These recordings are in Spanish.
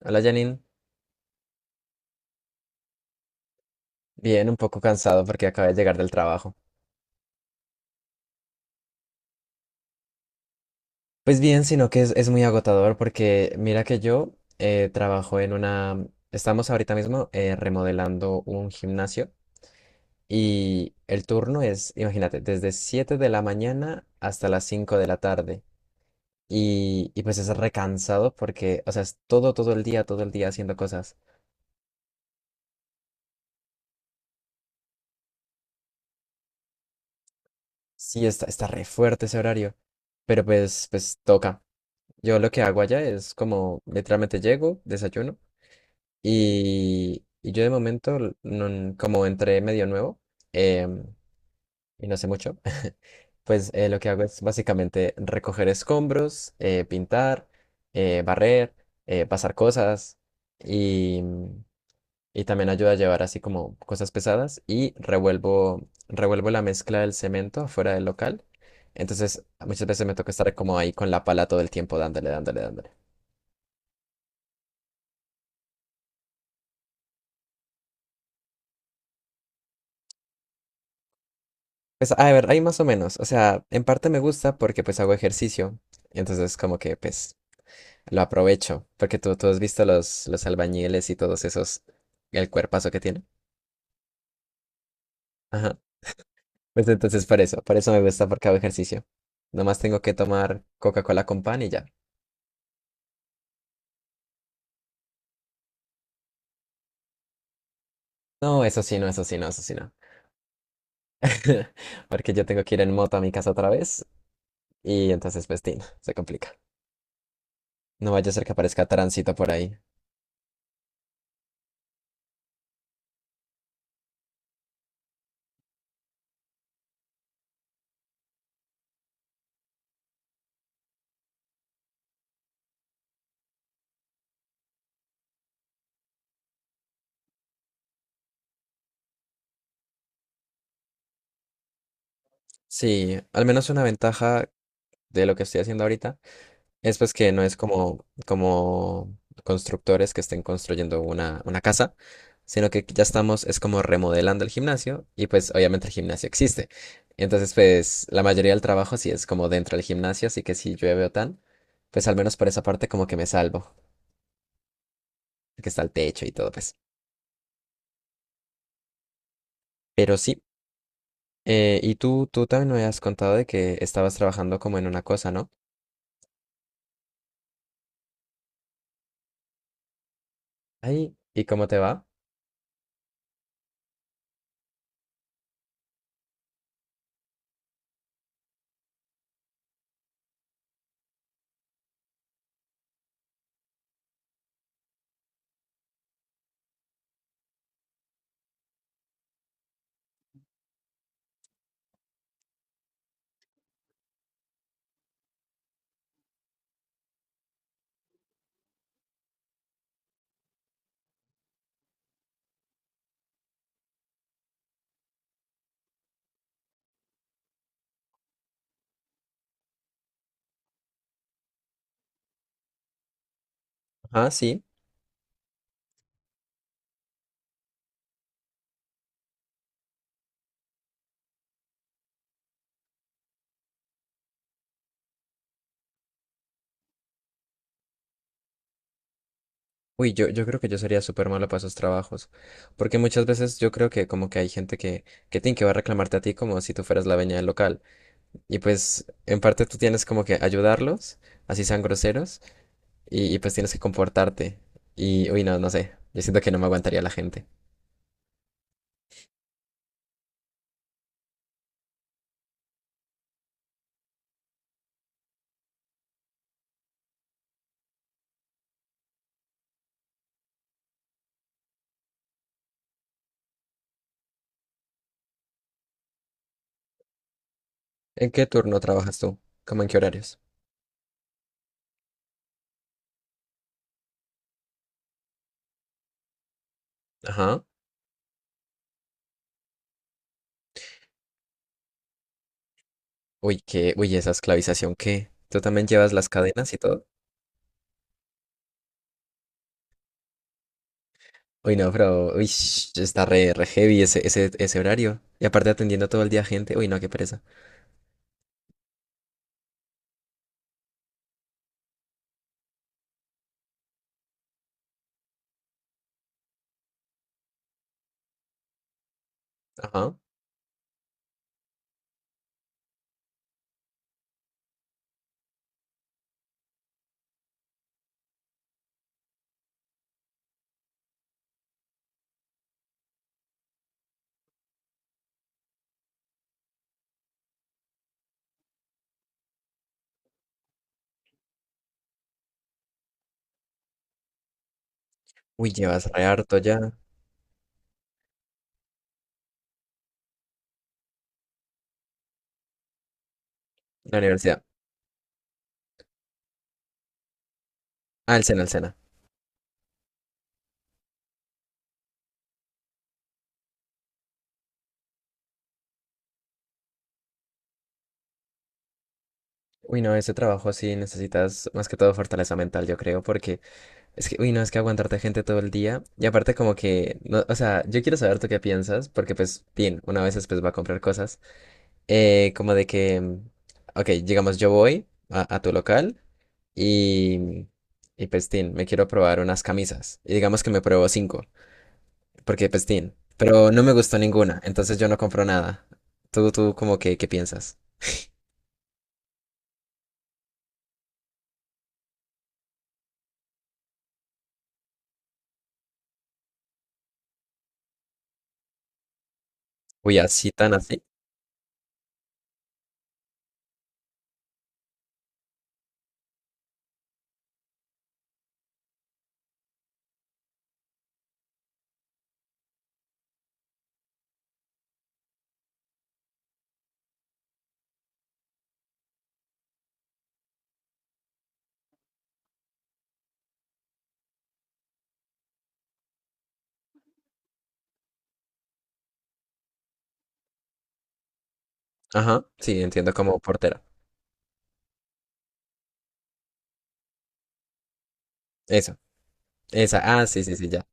Hola Janine, bien, un poco cansado porque acabé de llegar del trabajo. Pues bien, sino que es muy agotador porque mira que yo trabajo en una... Estamos ahorita mismo remodelando un gimnasio y el turno es, imagínate, desde 7 de la mañana hasta las 5 de la tarde. Y pues es recansado porque, o sea, es todo, todo el día haciendo cosas. Sí, está re fuerte ese horario, pero pues toca. Yo lo que hago allá es como literalmente llego, desayuno. Y yo de momento, como entré medio nuevo em, y no sé mucho, pues lo que hago es básicamente recoger escombros, pintar, barrer, pasar cosas y, y también ayuda a llevar así como cosas pesadas y revuelvo la mezcla del cemento afuera del local. Entonces muchas veces me toca estar como ahí con la pala todo el tiempo dándole, dándole, dándole. Pues a ver, hay más o menos. O sea, en parte me gusta porque pues hago ejercicio. Entonces como que pues lo aprovecho. Porque tú has visto los albañiles y todos esos, el cuerpazo que tienen. Ajá. Pues entonces por eso me gusta porque hago ejercicio. Nomás tengo que tomar Coca-Cola con pan y ya. No, eso sí, no, eso sí, no, eso sí, no. Porque yo tengo que ir en moto a mi casa otra vez y entonces pues tin, se complica. No vaya a ser que aparezca tránsito por ahí. Sí, al menos una ventaja de lo que estoy haciendo ahorita. Es pues que no es como, como constructores que estén construyendo una casa, sino que ya estamos, es como remodelando el gimnasio y pues obviamente el gimnasio existe. Entonces pues la mayoría del trabajo sí es como dentro del gimnasio, así que si llueve o tan, pues al menos por esa parte como que me salvo, que está el techo y todo pues. Pero sí, y tú también me habías contado de que estabas trabajando como en una cosa, ¿no? Ahí, ¿y cómo te va? Ah, sí. Uy, yo creo que yo sería súper malo para esos trabajos, porque muchas veces yo creo que como que hay gente que tiene que va a reclamarte a ti como si tú fueras la dueña del local, y pues en parte tú tienes como que ayudarlos, así sean groseros, y pues tienes que comportarte, y uy, no, no sé, yo siento que no me aguantaría la gente. ¿En qué turno trabajas tú? ¿Cómo en qué horarios? Ajá. Uy, qué, uy, esa esclavización, ¿qué? ¿Tú también llevas las cadenas y todo? Uy, no, pero, uy, está re, re heavy ese, ese, ese horario, y aparte atendiendo todo el día a gente, uy, no, qué pereza. Ajá. Uy, llevas re harto ya. La universidad. Ah, el SENA, el SENA. Uy, no, ese trabajo sí necesitas más que todo fortaleza mental, yo creo, porque es que, uy, no, es que aguantarte gente todo el día. Y aparte como que, no, o sea, yo quiero saber tú qué piensas, porque pues, bien, una vez pues va a comprar cosas. Como de que, ok, digamos, yo voy a tu local y, y pues, tin, me quiero probar unas camisas. Y digamos que me pruebo cinco. Porque pestín, pero no me gustó ninguna, entonces yo no compro nada. ¿Tú como que, qué piensas? Uy, así tan así. Ajá, sí, entiendo como portera. Eso, esa, ah, sí, sí, sí, ya.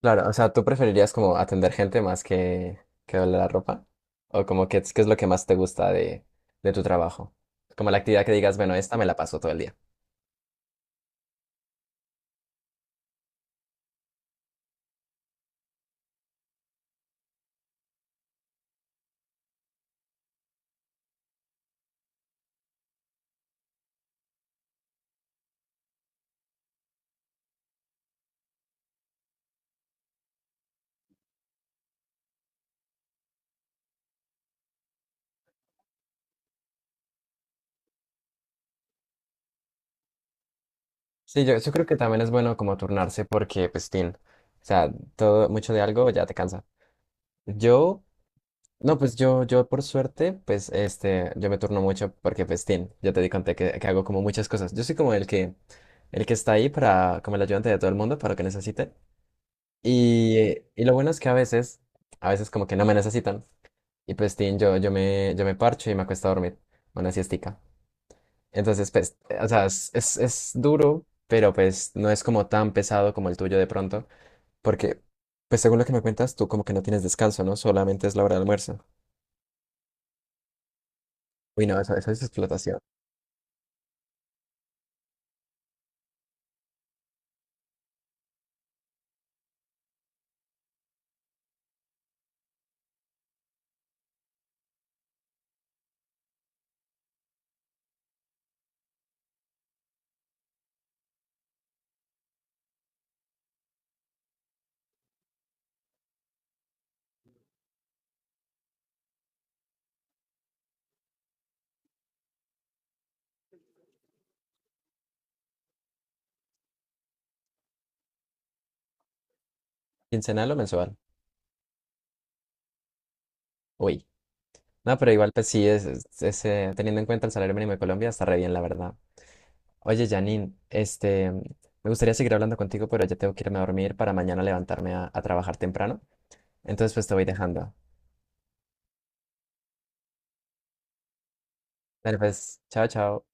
Claro, o sea, ¿tú preferirías como atender gente más que doblar la ropa? ¿O como que qué es lo que más te gusta de tu trabajo? Como la actividad que digas, bueno, esta me la paso todo el día. Sí, yo creo que también es bueno como turnarse porque, pues, tin, o sea, todo, mucho de algo ya te cansa. Yo no, pues yo por suerte, pues este, yo me turno mucho porque pues tin, ya te di conté que hago como muchas cosas. Yo soy como el que está ahí para, como el ayudante de todo el mundo para lo que necesite. Y lo bueno es que a veces como que no me necesitan. Y pues tin, yo me parcho y me acuesto a dormir, una siestica. Entonces, pues, o sea, es duro, pero pues no es como tan pesado como el tuyo de pronto, porque pues según lo que me cuentas, tú como que no tienes descanso, ¿no? Solamente es la hora de almuerzo. Uy, no, eso es explotación. ¿Quincenal o mensual? Uy. No, pero igual, pues sí, teniendo en cuenta el salario mínimo de Colombia, está re bien, la verdad. Oye, Janine, este, me gustaría seguir hablando contigo, pero ya tengo que irme a dormir para mañana levantarme a trabajar temprano. Entonces, pues te voy dejando. Dale, pues, chao, chao.